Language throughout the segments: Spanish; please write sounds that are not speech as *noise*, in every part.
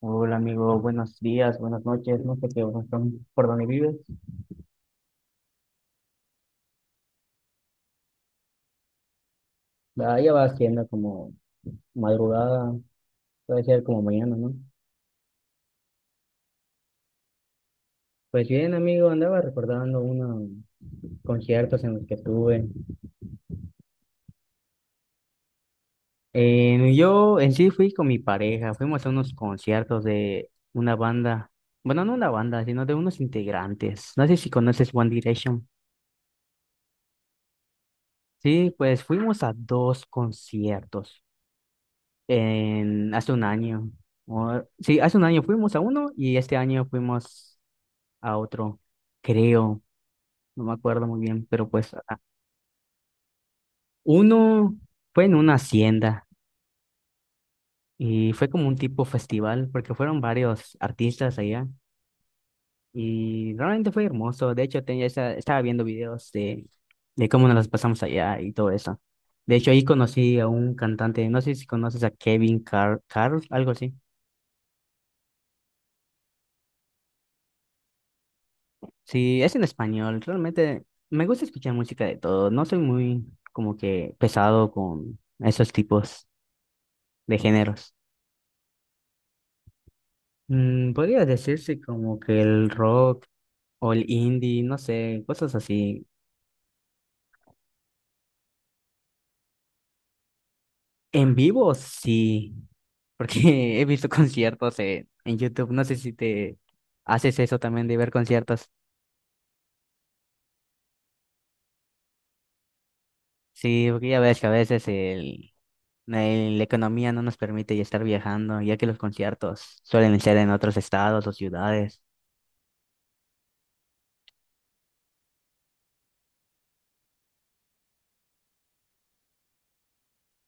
Hola amigo, buenos días, buenas noches, no sé qué horas son, por dónde vives. Ah, ya va siendo como madrugada, puede ser como mañana, ¿no? Pues bien amigo, andaba recordando unos conciertos en los que estuve. Yo en sí fui con mi pareja, fuimos a unos conciertos de una banda, bueno, no una banda, sino de unos integrantes. No sé si conoces One Direction. Sí, pues fuimos a dos conciertos. En, hace un año. Sí, hace un año fuimos a uno y este año fuimos a otro, creo, no me acuerdo muy bien, pero pues uno fue en una hacienda y fue como un tipo festival porque fueron varios artistas allá y realmente fue hermoso. De hecho, estaba viendo videos de cómo nos las pasamos allá y todo eso. De hecho, ahí conocí a un cantante, no sé si conoces a Kevin Car Carl, algo así. Sí, es en español. Realmente me gusta escuchar música de todo. No soy muy como que pesado con esos tipos de géneros. Mm, podría decirse como que el rock o el indie, no sé, cosas así. En vivo, sí, porque *laughs* he visto conciertos en YouTube. No sé si te haces eso también de ver conciertos. Sí, porque ya ves que a veces la economía no nos permite ya estar viajando, ya que los conciertos suelen ser en otros estados o ciudades.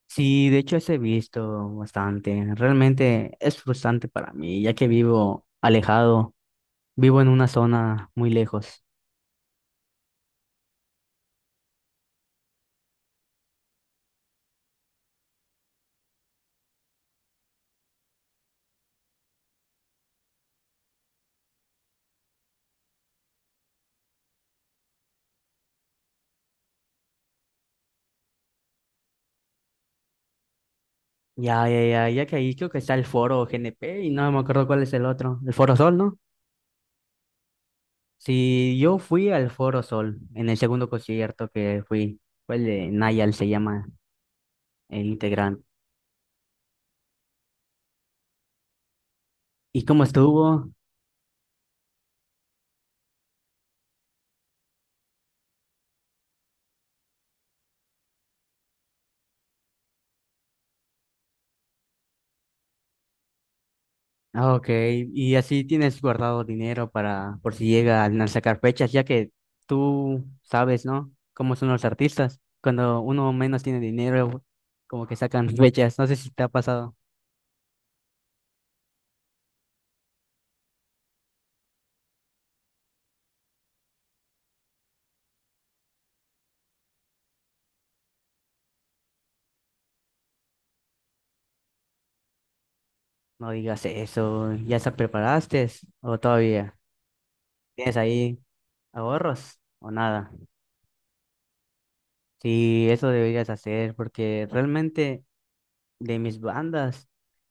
Sí, de hecho, eso he visto bastante. Realmente es frustrante para mí, ya que vivo alejado, vivo en una zona muy lejos. Ya, ya, ya, ya que ahí creo que está el foro GNP y no me acuerdo cuál es el otro. El Foro Sol, ¿no? Sí, yo fui al Foro Sol en el segundo concierto que fui. Fue el de Nayal, se llama el integrante. ¿Y cómo estuvo? Ah, ok. Y así tienes guardado dinero para por si llegan a sacar fechas, ya que tú sabes, ¿no? Cómo son los artistas. Cuando uno menos tiene dinero, como que sacan *laughs* fechas. No sé si te ha pasado. No digas eso. ¿Ya se preparaste o todavía tienes ahí ahorros o nada? Sí, eso deberías hacer porque realmente de mis bandas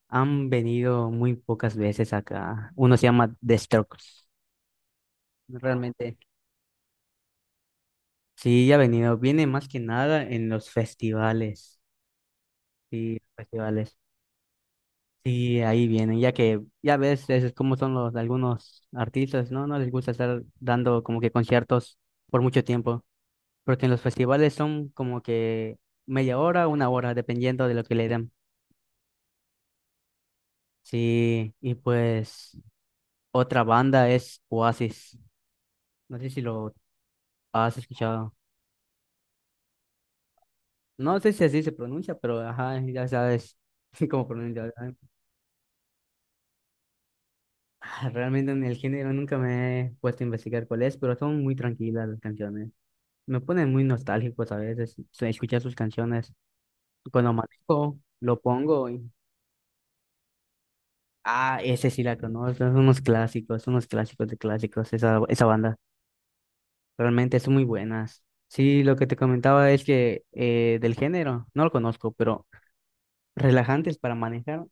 han venido muy pocas veces acá. Uno se llama The Strokes. Realmente. Sí, ha venido. Viene más que nada en los festivales. Sí, festivales. Sí, ahí vienen, ya que ya ves es como son los algunos artistas, ¿no? No les gusta estar dando como que conciertos por mucho tiempo, porque en los festivales son como que media hora, una hora, dependiendo de lo que le den. Sí, y pues otra banda es Oasis. No sé si lo has escuchado. No sé si así se pronuncia, pero ajá, ya sabes *laughs* cómo pronunciar. Ah, realmente en el género nunca me he puesto a investigar cuál es, pero son muy tranquilas las canciones. Me ponen muy nostálgicos a veces escuchar sus canciones. Cuando manejo, lo pongo y... Ah, ese sí la conozco, son unos clásicos de clásicos, esa banda. Realmente son muy buenas. Sí, lo que te comentaba es que del género, no lo conozco, pero relajantes para manejar,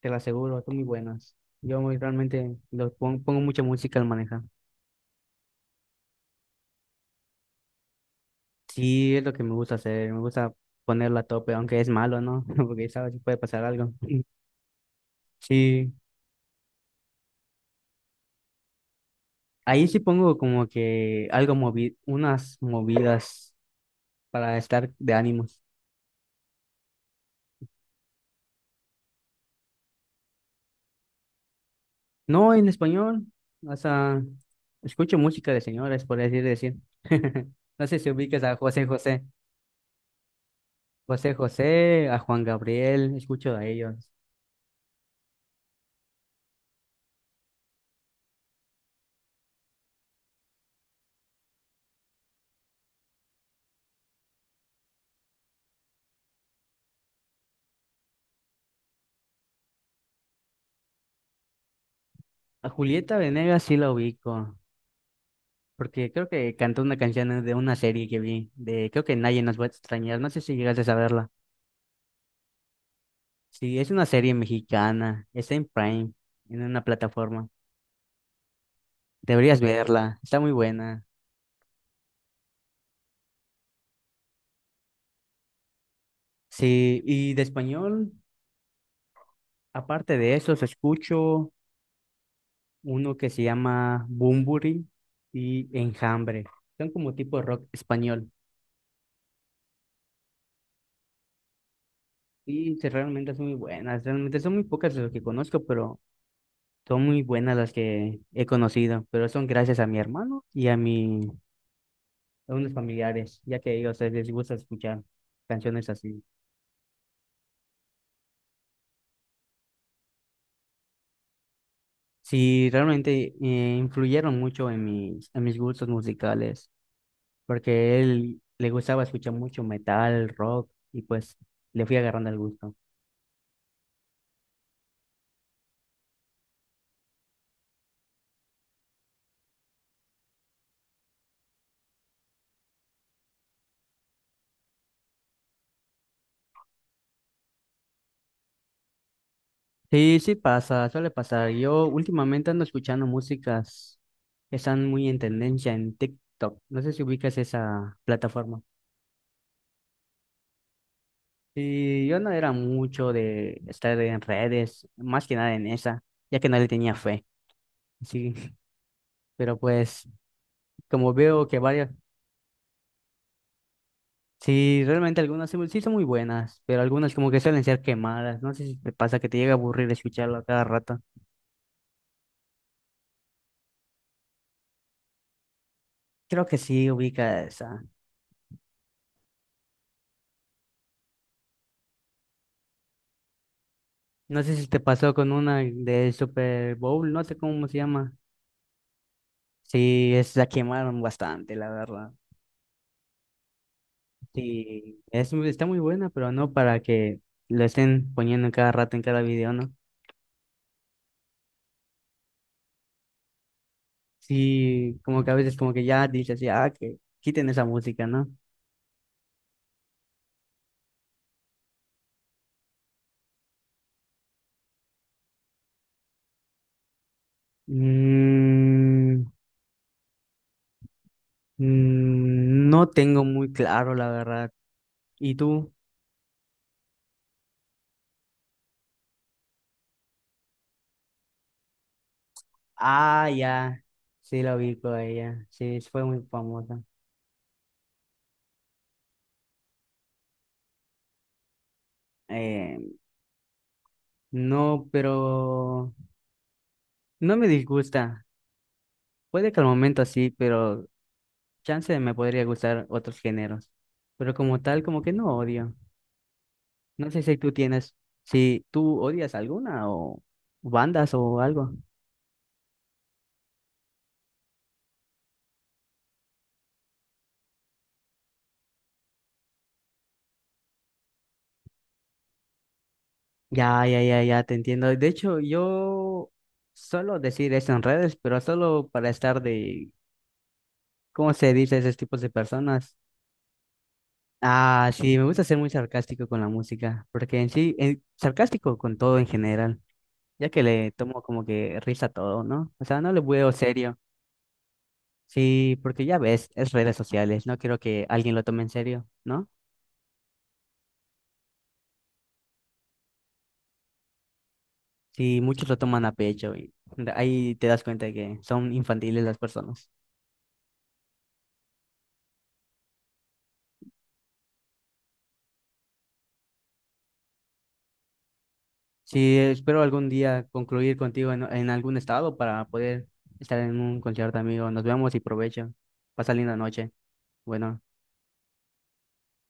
te lo aseguro, son muy buenas. Realmente pongo mucha música al manejar. Sí, es lo que me gusta hacer, me gusta ponerla a tope, aunque es malo, ¿no? *laughs* Porque sabes si puede pasar algo. *laughs* Sí, ahí sí pongo como que algo movi unas movidas para estar de ánimos. No en español, o sea, escucho música de señores, por así decir. *laughs* No sé si ubicas a José José, José José, a Juan Gabriel, escucho a ellos. A Julieta Venegas sí la ubico, porque creo que cantó una canción de una serie que vi, de creo que Nadie nos va a extrañar, no sé si llegaste a saberla. Sí, es una serie mexicana, está en Prime, en una plataforma. Deberías verla, está muy buena. Sí, y de español, aparte de esos, escucho uno que se llama Bunbury y Enjambre. Son como tipo rock español. Y sí, realmente son muy buenas, realmente son muy pocas de lo que conozco, pero son muy buenas las que he conocido, pero son gracias a mi hermano y a unos familiares, ya que ellos les gusta escuchar canciones así. Sí, realmente influyeron mucho en en mis gustos musicales, porque él le gustaba escuchar mucho metal, rock, y pues le fui agarrando el gusto. Sí, sí pasa, suele pasar. Yo últimamente ando escuchando músicas que están muy en tendencia en TikTok. No sé si ubicas esa plataforma. Y yo no era mucho de estar en redes, más que nada en esa, ya que no le tenía fe. Sí, *laughs* pero pues como veo que varias, sí, realmente algunas sí, sí son muy buenas, pero algunas como que suelen ser quemadas. No sé si te pasa que te llega a aburrir escucharlo a cada rato. Creo que sí ubica esa. No sé si te pasó con una de Super Bowl, no sé cómo se llama. Sí, es, la quemaron bastante, la verdad. Sí, es, está muy buena, pero no para que lo estén poniendo en cada rato, en cada video, ¿no? Sí, como que a veces como que ya dices, ya, que quiten esa música, ¿no? Mm, mm, no tengo muy claro, la verdad. ¿Y tú? Ah, ya. Sí, la ubico a ella. Sí, fue muy famosa. Eh, no, pero no me disgusta. Puede que al momento sí, pero chance me podría gustar otros géneros. Pero como tal, como que no odio. No sé si tú tienes, si tú odias alguna o bandas o algo. Ya, ya, ya, ya, te entiendo. De hecho, yo suelo decir eso en redes, pero solo para estar de, ¿cómo se dice a esos tipos de personas? Ah, sí, me gusta ser muy sarcástico con la música, porque en sí, sarcástico con todo en general, ya que le tomo como que risa a todo, ¿no? O sea, no le veo serio. Sí, porque ya ves, es redes sociales, no quiero que alguien lo tome en serio, ¿no? Sí, muchos lo toman a pecho y ahí te das cuenta de que son infantiles las personas. Sí, espero algún día concluir contigo en algún estado para poder estar en un concierto, amigo. Nos vemos y provecho. Pasa linda noche. Bueno.